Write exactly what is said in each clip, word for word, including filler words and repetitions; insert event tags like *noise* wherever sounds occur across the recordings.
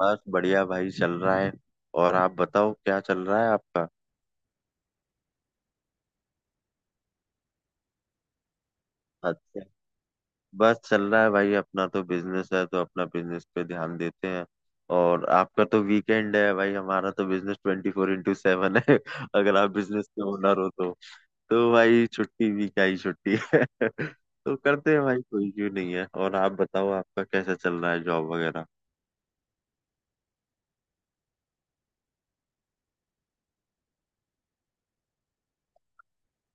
बस बढ़िया भाई, चल रहा है। और आप बताओ, क्या चल रहा है आपका? अच्छा। बस चल रहा है भाई, अपना तो बिजनेस है, तो अपना बिजनेस पे ध्यान देते हैं। और आपका तो वीकेंड है भाई, हमारा तो business twenty four into seven है *laughs* अगर आप बिजनेस के ओनर हो तो। तो भाई छुट्टी भी क्या ही छुट्टी है *laughs* तो करते हैं भाई, कोई इश्यू नहीं है। और आप बताओ, आपका कैसा चल रहा है, जॉब वगैरह?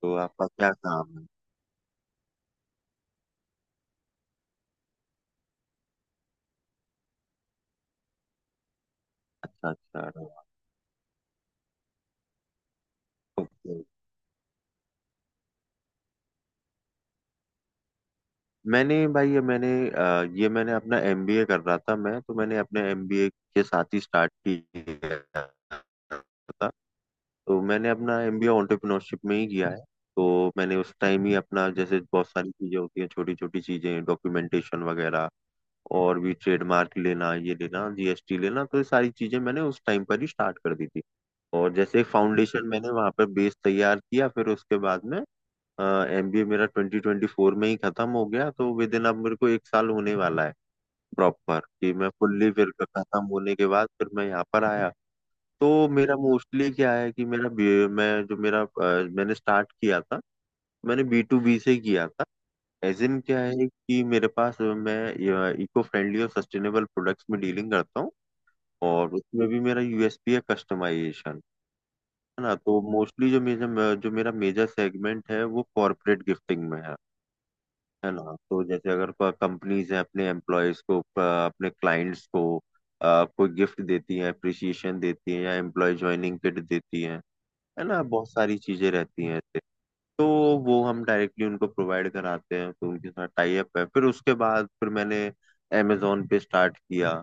तो आपका क्या काम है? अच्छा अच्छा। मैंने भाई ये मैंने अ, ये मैंने अपना एम बी ए कर रहा था, मैं तो मैंने अपने एम बी ए के साथ ही स्टार्ट किया था। तो मैंने अपना एमबीए एंटरप्रेन्योरशिप में ही किया है। तो मैंने उस टाइम ही अपना, जैसे बहुत सारी चीजें होती हैं, छोटी छोटी चीजें, डॉक्यूमेंटेशन वगैरह, और भी ट्रेडमार्क लेना, ये लेना, जी एस टी लेना, तो ये सारी चीजें मैंने उस टाइम पर ही स्टार्ट कर दी थी। और जैसे एक फाउंडेशन मैंने वहां पर बेस तैयार किया, फिर उसके बाद में एम बी ए मेरा ट्वेंटी ट्वेंटी फोर में ही खत्म हो गया, तो विद इन अब मेरे को एक साल होने वाला है प्रॉपर, कि मैं फुल्ली फिर खत्म होने के बाद फिर मैं यहाँ पर आया। तो मेरा मोस्टली क्या है कि मेरा बी- मैं जो मेरा अ, मैंने स्टार्ट किया था, मैंने बी टू बी से किया था। एज इन क्या है कि मेरे पास अ, मैं इको फ्रेंडली और सस्टेनेबल प्रोडक्ट्स में डीलिंग करता हूँ। और उसमें भी मेरा यू एस पी है कस्टमाइजेशन। है ना, तो मोस्टली जो मेरा जो मेरा मेजर सेगमेंट है वो कॉर्पोरेट गिफ्टिंग में है। है ना, तो जैसे अगर कंपनीज हैं, अपने एम्प्लॉयज को अ, अपने क्लाइंट्स को अ, कोई गिफ्ट देती है, अप्रिसिएशन देती है, या एम्प्लॉय ज्वाइनिंग किट देती है है ना, बहुत सारी चीजें रहती हैं ऐसे। तो वो हम डायरेक्टली उनको प्रोवाइड कराते हैं, तो उनके साथ टाई अप है। फिर उसके बाद फिर मैंने अमेजोन पे स्टार्ट किया।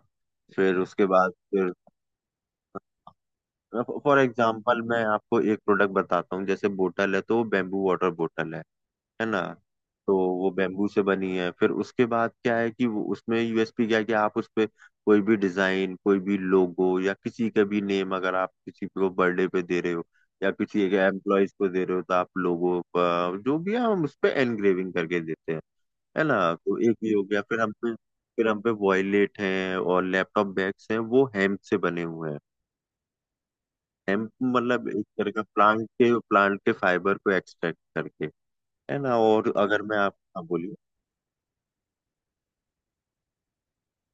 फिर उसके बाद फिर फॉर एग्जाम्पल मैं आपको एक प्रोडक्ट बताता हूँ, जैसे बोटल है तो वो बेम्बू वाटर बोटल है। है ना, तो वो बेम्बू से बनी है। फिर उसके बाद क्या है कि वो, उसमें यू एस पी क्या है कि आप उस पे कोई भी डिजाइन, कोई भी लोगो या किसी का भी नेम, अगर आप किसी को बर्थडे पे दे रहे हो या किसी एक एम्प्लॉयज को दे रहे हो, तो आप लोगो जो भी है हम उस पे एनग्रेविंग करके देते हैं। है ना, तो एक ये हो गया। फिर हम पे फिर हम पे वॉयलेट हैं और लैपटॉप बैग्स हैं, वो हेम्प से बने हुए हैं। हेम्प मतलब एक तरह का प्लांट के प्लांट के फाइबर को एक्सट्रैक्ट करके। है ना, और अगर मैं आप, हाँ, बोलिए।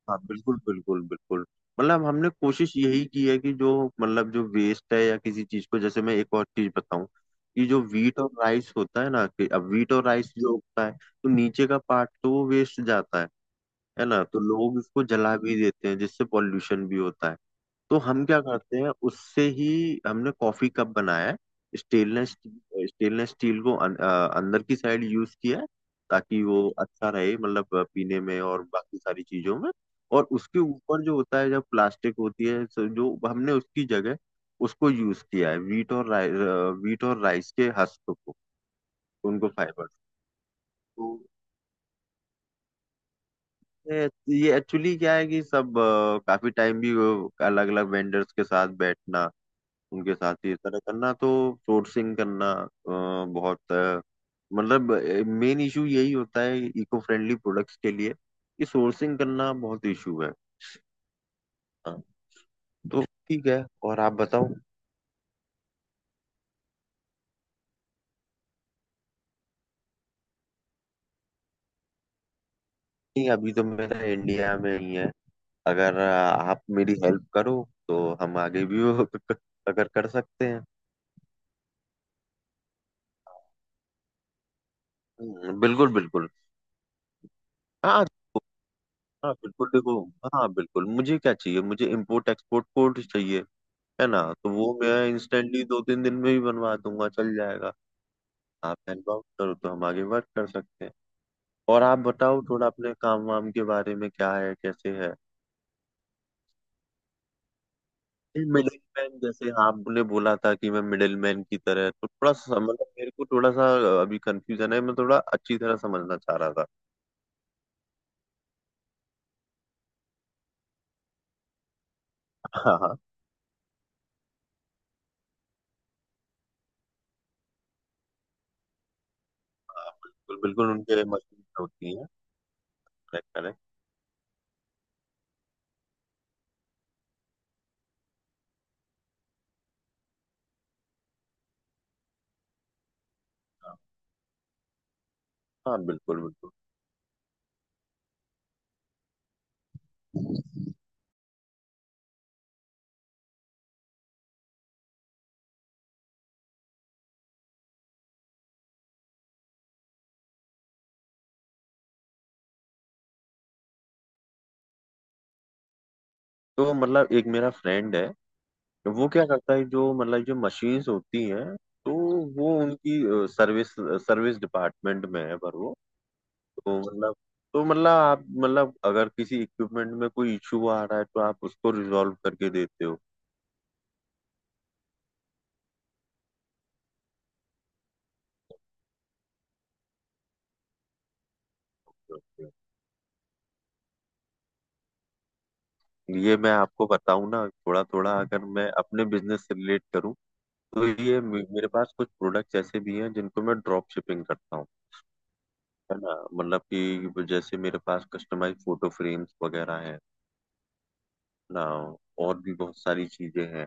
हाँ बिल्कुल बिल्कुल बिल्कुल। मतलब हमने कोशिश यही की है कि जो, मतलब जो वेस्ट है या किसी चीज को, जैसे मैं एक और चीज बताऊं कि जो वीट और राइस होता है ना, कि अब वीट और राइस जो होता है, तो नीचे का पार्ट तो वो वेस्ट जाता है। है ना, तो लोग उसको जला भी देते हैं, जिससे पॉल्यूशन भी होता है। तो हम क्या करते हैं, उससे ही हमने कॉफी कप बनाया है। स्टेनलेस स्टेनलेस स्टील को अन- अ, अंदर की साइड यूज किया है, ताकि वो अच्छा रहे मतलब अ, पीने में और बाकी सारी चीजों में। और उसके ऊपर जो होता है, जब प्लास्टिक होती है, तो जो हमने उसकी जगह उसको यूज किया है वीट और राइ, वीट और राइस के हस्क को, उनको फाइबर। तो ये ये एक्चुअली क्या है कि सब अ, काफी टाइम भी अलग अलग वेंडर्स के साथ बैठना, उनके साथ ये तरह करना, तो सोर्सिंग करना अ, बहुत अ, मतलब मेन इशू यही होता है इको फ्रेंडली प्रोडक्ट्स के लिए कि सोर्सिंग करना बहुत इशू है। हाँ, तो ठीक है, और आप बताओ? नहीं, अभी तो मेरा इंडिया में ही है। अगर अ, आप मेरी हेल्प करो तो हम आगे भी वो *laughs* अगर कर सकते हैं। हम्म, बिल्कुल बिल्कुल। हाँ हाँ बिल्कुल, देखो। हाँ बिल्कुल, मुझे क्या चाहिए, मुझे इम्पोर्ट एक्सपोर्ट कोड चाहिए, है ना, तो वो मैं इंस्टेंटली दो तीन दिन में ही बनवा दूंगा, चल जाएगा। आप हेल्प आउट करो तो हम आगे वर्क कर सकते हैं। और आप बताओ थोड़ा, अपने काम वाम के बारे में क्या है, कैसे है? मिडिल मैन, जैसे आपने बोला था कि मैं मिडिल मैन की तरह, तो थोड़ा सा मतलब मेरे को थोड़ा सा अभी कंफ्यूजन है, मैं थोड़ा अच्छी तरह समझना चाह रहा था। हाँ हाँ हाँ, बिल्कुल बिल्कुल उनके मशीन होती है। Correct correct. हाँ बिल्कुल बिल्कुल। तो मतलब एक मेरा फ्रेंड है, वो क्या करता है, जो मतलब जो मशीन्स होती हैं, तो वो उनकी सर्विस सर्विस डिपार्टमेंट में है, पर वो। तो मतलब तो मतलब आप, मतलब अगर किसी इक्विपमेंट में कोई इशू आ रहा है तो आप उसको रिजॉल्व करके देते हो? ये मैं आपको बताऊं ना, थोड़ा थोड़ा, अगर मैं अपने बिजनेस से रिलेट करूं, तो ये मे- मेरे पास कुछ प्रोडक्ट्स ऐसे भी हैं जिनको मैं ड्रॉप शिपिंग करता हूँ। है ना, मतलब कि जैसे मेरे पास कस्टमाइज फोटो फ्रेम्स वगैरह हैं ना, और भी बहुत सारी चीजें हैं।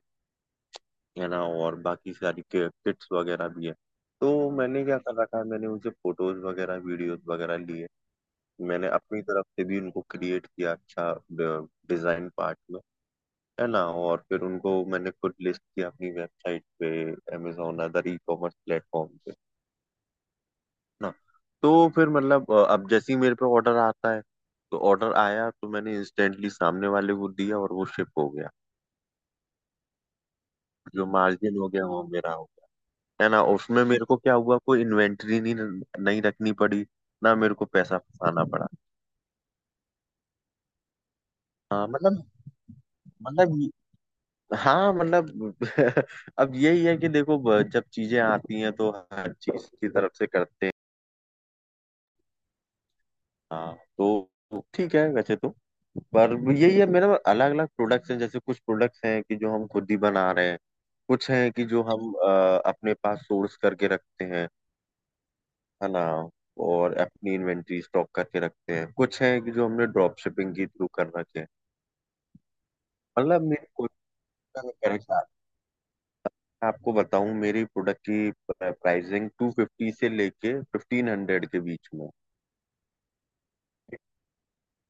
है ना, और बाकी सारी किट्स वगैरह भी है। तो मैंने क्या कर रखा है, मैंने उनसे फोटोज वगैरह वीडियोस वगैरह लिए, मैंने अपनी तरफ से भी उनको क्रिएट किया अच्छा डिजाइन पार्ट में, है ना, और फिर उनको मैंने खुद लिस्ट किया अपनी वेबसाइट पे, Amazon other e commerce platform पे। है ना, तो फिर मतलब अ, अब जैसे ही मेरे पे ऑर्डर आता है, तो ऑर्डर आया तो मैंने इंस्टेंटली सामने वाले को दिया और वो शिप हो गया। जो मार्जिन हो गया वो मेरा हो। है ना, उसमें मेरे को क्या हुआ, कोई इन्वेंट्री नहीं नहीं रखनी पड़ी, ना मेरे को पैसा फंसाना पड़ा। हाँ मतलब मतलब ये- हाँ मतलब *laughs* अब यही है कि देखो, ब- जब चीजें आती हैं तो हर चीज की तरफ से करते हैं, हाँ। तो ठीक है वैसे तो, पर यही है मेरा, अलग अलग प्रोडक्ट्स हैं, जैसे कुछ प्रोडक्ट्स हैं कि जो हम खुद ही बना रहे हैं, कुछ हैं कि जो हम अ, अपने पास सोर्स करके रखते हैं, है ना, और अपनी इन्वेंट्री स्टॉक करके रखते हैं, कुछ है कि जो हमने ड्रॉप शिपिंग के थ्रू कर रखे हैं। मतलब मेरी कोशिश है कि, आपको बताऊं, मेरी प्रोडक्ट की प्राइसिंग टू फिफ्टी से लेके फिफ्टीन हंड्रेड के बीच में,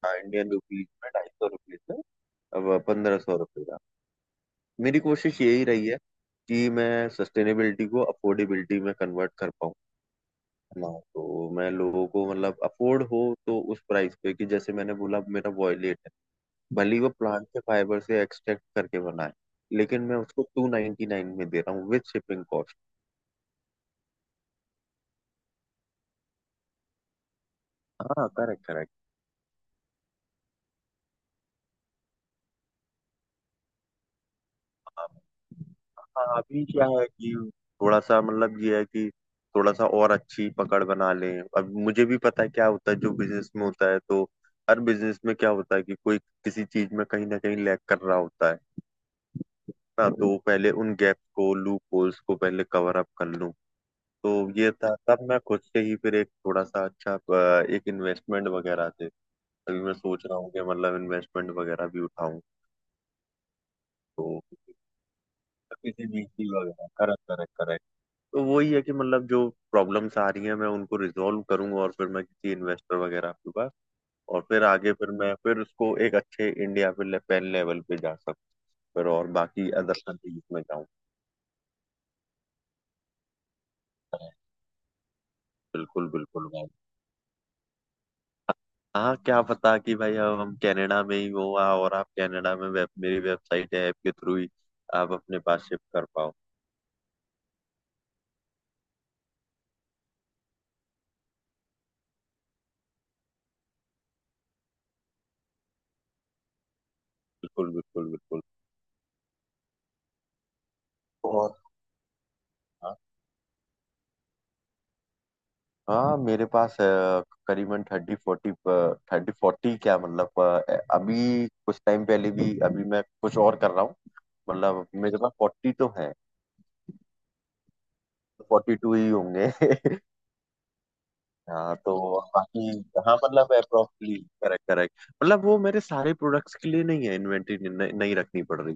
हाँ इंडियन रुपीज में, ढाई सौ रुपये से अब पंद्रह सौ रुपये का। मेरी कोशिश यही रही है कि मैं सस्टेनेबिलिटी को अफोर्डेबिलिटी में कन्वर्ट कर पाऊँ, है ना, तो मैं लोगों को, मतलब अफोर्ड हो तो उस प्राइस पे, कि जैसे मैंने बोला मेरा वॉयलेट, भले ही वो प्लांट के फाइबर से एक्सट्रैक्ट करके बनाए, लेकिन मैं उसको टू नाइनटी नाइन में दे रहा हूँ विद शिपिंग कॉस्ट। हाँ करेक्ट करेक्ट। हाँ हाँ, अभी क्या है कि थोड़ा सा मतलब ये है कि थोड़ा सा और अच्छी पकड़ बना लें। अब मुझे भी पता है क्या होता है जो बिजनेस में होता है, तो हर बिजनेस में क्या होता है कि कोई किसी चीज में कहीं ना कहीं लैग कर रहा होता है, ना, तो पहले उन गैप को, लूप होल्स को पहले कवर अप कर लूं। तो ये था, तब मैं खुद से ही फिर एक थोड़ा सा अच्छा अ, एक इन्वेस्टमेंट वगैरह थे। अभी मैं सोच रहा हूँ कि मतलब इन्वेस्टमेंट वगैरह भी उठाऊं, तो किसी बी सी वगैरह। Correct correct correct. तो वही है कि मतलब जो प्रॉब्लम्स आ रही हैं मैं उनको रिजॉल्व करूंगा, और फिर मैं किसी इन्वेस्टर वगैरह के पास, और फिर आगे फिर मैं फिर उसको एक अच्छे इंडिया पे ले, पेन लेवल पे जा सकूँ, फिर और बाकी अदर कंट्रीज में जाऊँ। बिल्कुल बिल्कुल। हाँ क्या पता कि भाई, अब हम कनाडा में ही हो आ- और आप कनाडा में वेब, मेरी वेबसाइट है ऐप के थ्रू ही आप अपने पास शिफ्ट कर पाओ। बिल्कुल बिल्कुल बिल्कुल। बहुत। हाँ हाँ, मेरे पास अ, करीबन थर्टी फोर्टी, थर्टी फोर्टी क्या, मतलब अ, अभी कुछ टाइम पहले भी, अभी मैं कुछ और कर रहा हूँ, मतलब मेरे पास फोर्टी तो है, फोर्टी टू ही होंगे *laughs* हाँ तो बाकी, हाँ मतलब अप्रोप्रियली, करेक्ट करेक्ट, मतलब वो मेरे सारे प्रोडक्ट्स के लिए नहीं है, इन्वेंटरी नहीं रखनी पड़ रही।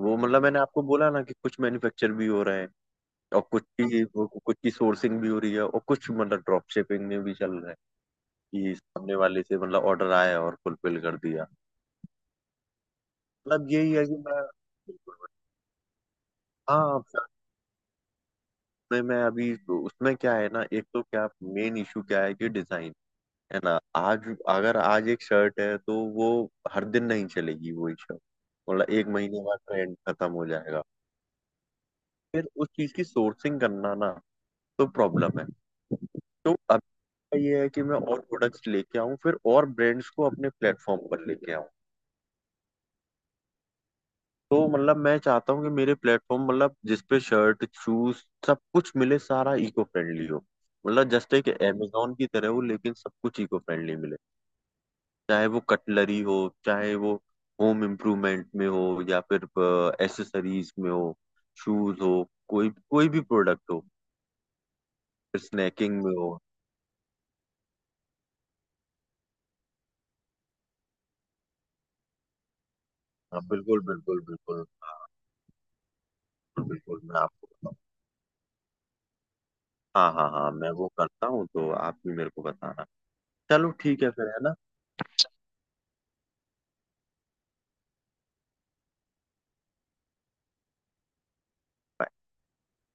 वो मतलब मैंने आपको बोला ना कि कुछ मैन्युफैक्चर भी हो रहा है, और कुछ की वो- कुछ की सोर्सिंग भी हो रही है, और कुछ मतलब ड्रॉप शिपिंग में भी चल रहा है, कि सामने वाले से मतलब ऑर्डर आया और फुलफिल कर दिया। मतलब यही है कि मैं, हाँ साथ में, मैं अभी उसमें क्या है ना, एक तो क्या, मेन इशू क्या है कि डिजाइन, है ना, आज अगर आज एक शर्ट है तो वो हर दिन नहीं चलेगी वही शर्ट, मतलब एक महीने बाद ट्रेंड खत्म हो जाएगा, फिर उस चीज की सोर्सिंग करना, ना, तो प्रॉब्लम है। तो अब, तो ये है कि मैं और प्रोडक्ट्स लेके आऊँ, फिर और ब्रांड्स को अपने प्लेटफॉर्म पर लेके आऊँ। तो मतलब मैं चाहता हूँ कि मेरे प्लेटफॉर्म, मतलब जिसपे शर्ट, शूज, सब कुछ मिले, सारा इको फ्रेंडली हो, मतलब जस्ट एक अमेजोन की तरह हो, लेकिन सब कुछ इको फ्रेंडली मिले, चाहे वो कटलरी हो, चाहे वो होम इम्प्रूवमेंट में हो, या फिर एसेसरीज में हो, शूज हो, कोई कोई भी प्रोडक्ट हो, फिर स्नैकिंग में हो। हाँ बिल्कुल बिल्कुल बिल्कुल। हाँ बिल्कुल, मैं आपको बताऊँ। हाँ हाँ हाँ, मैं वो करता हूँ, तो आप भी मेरे को बताना। चलो, ठीक है फिर, है ना।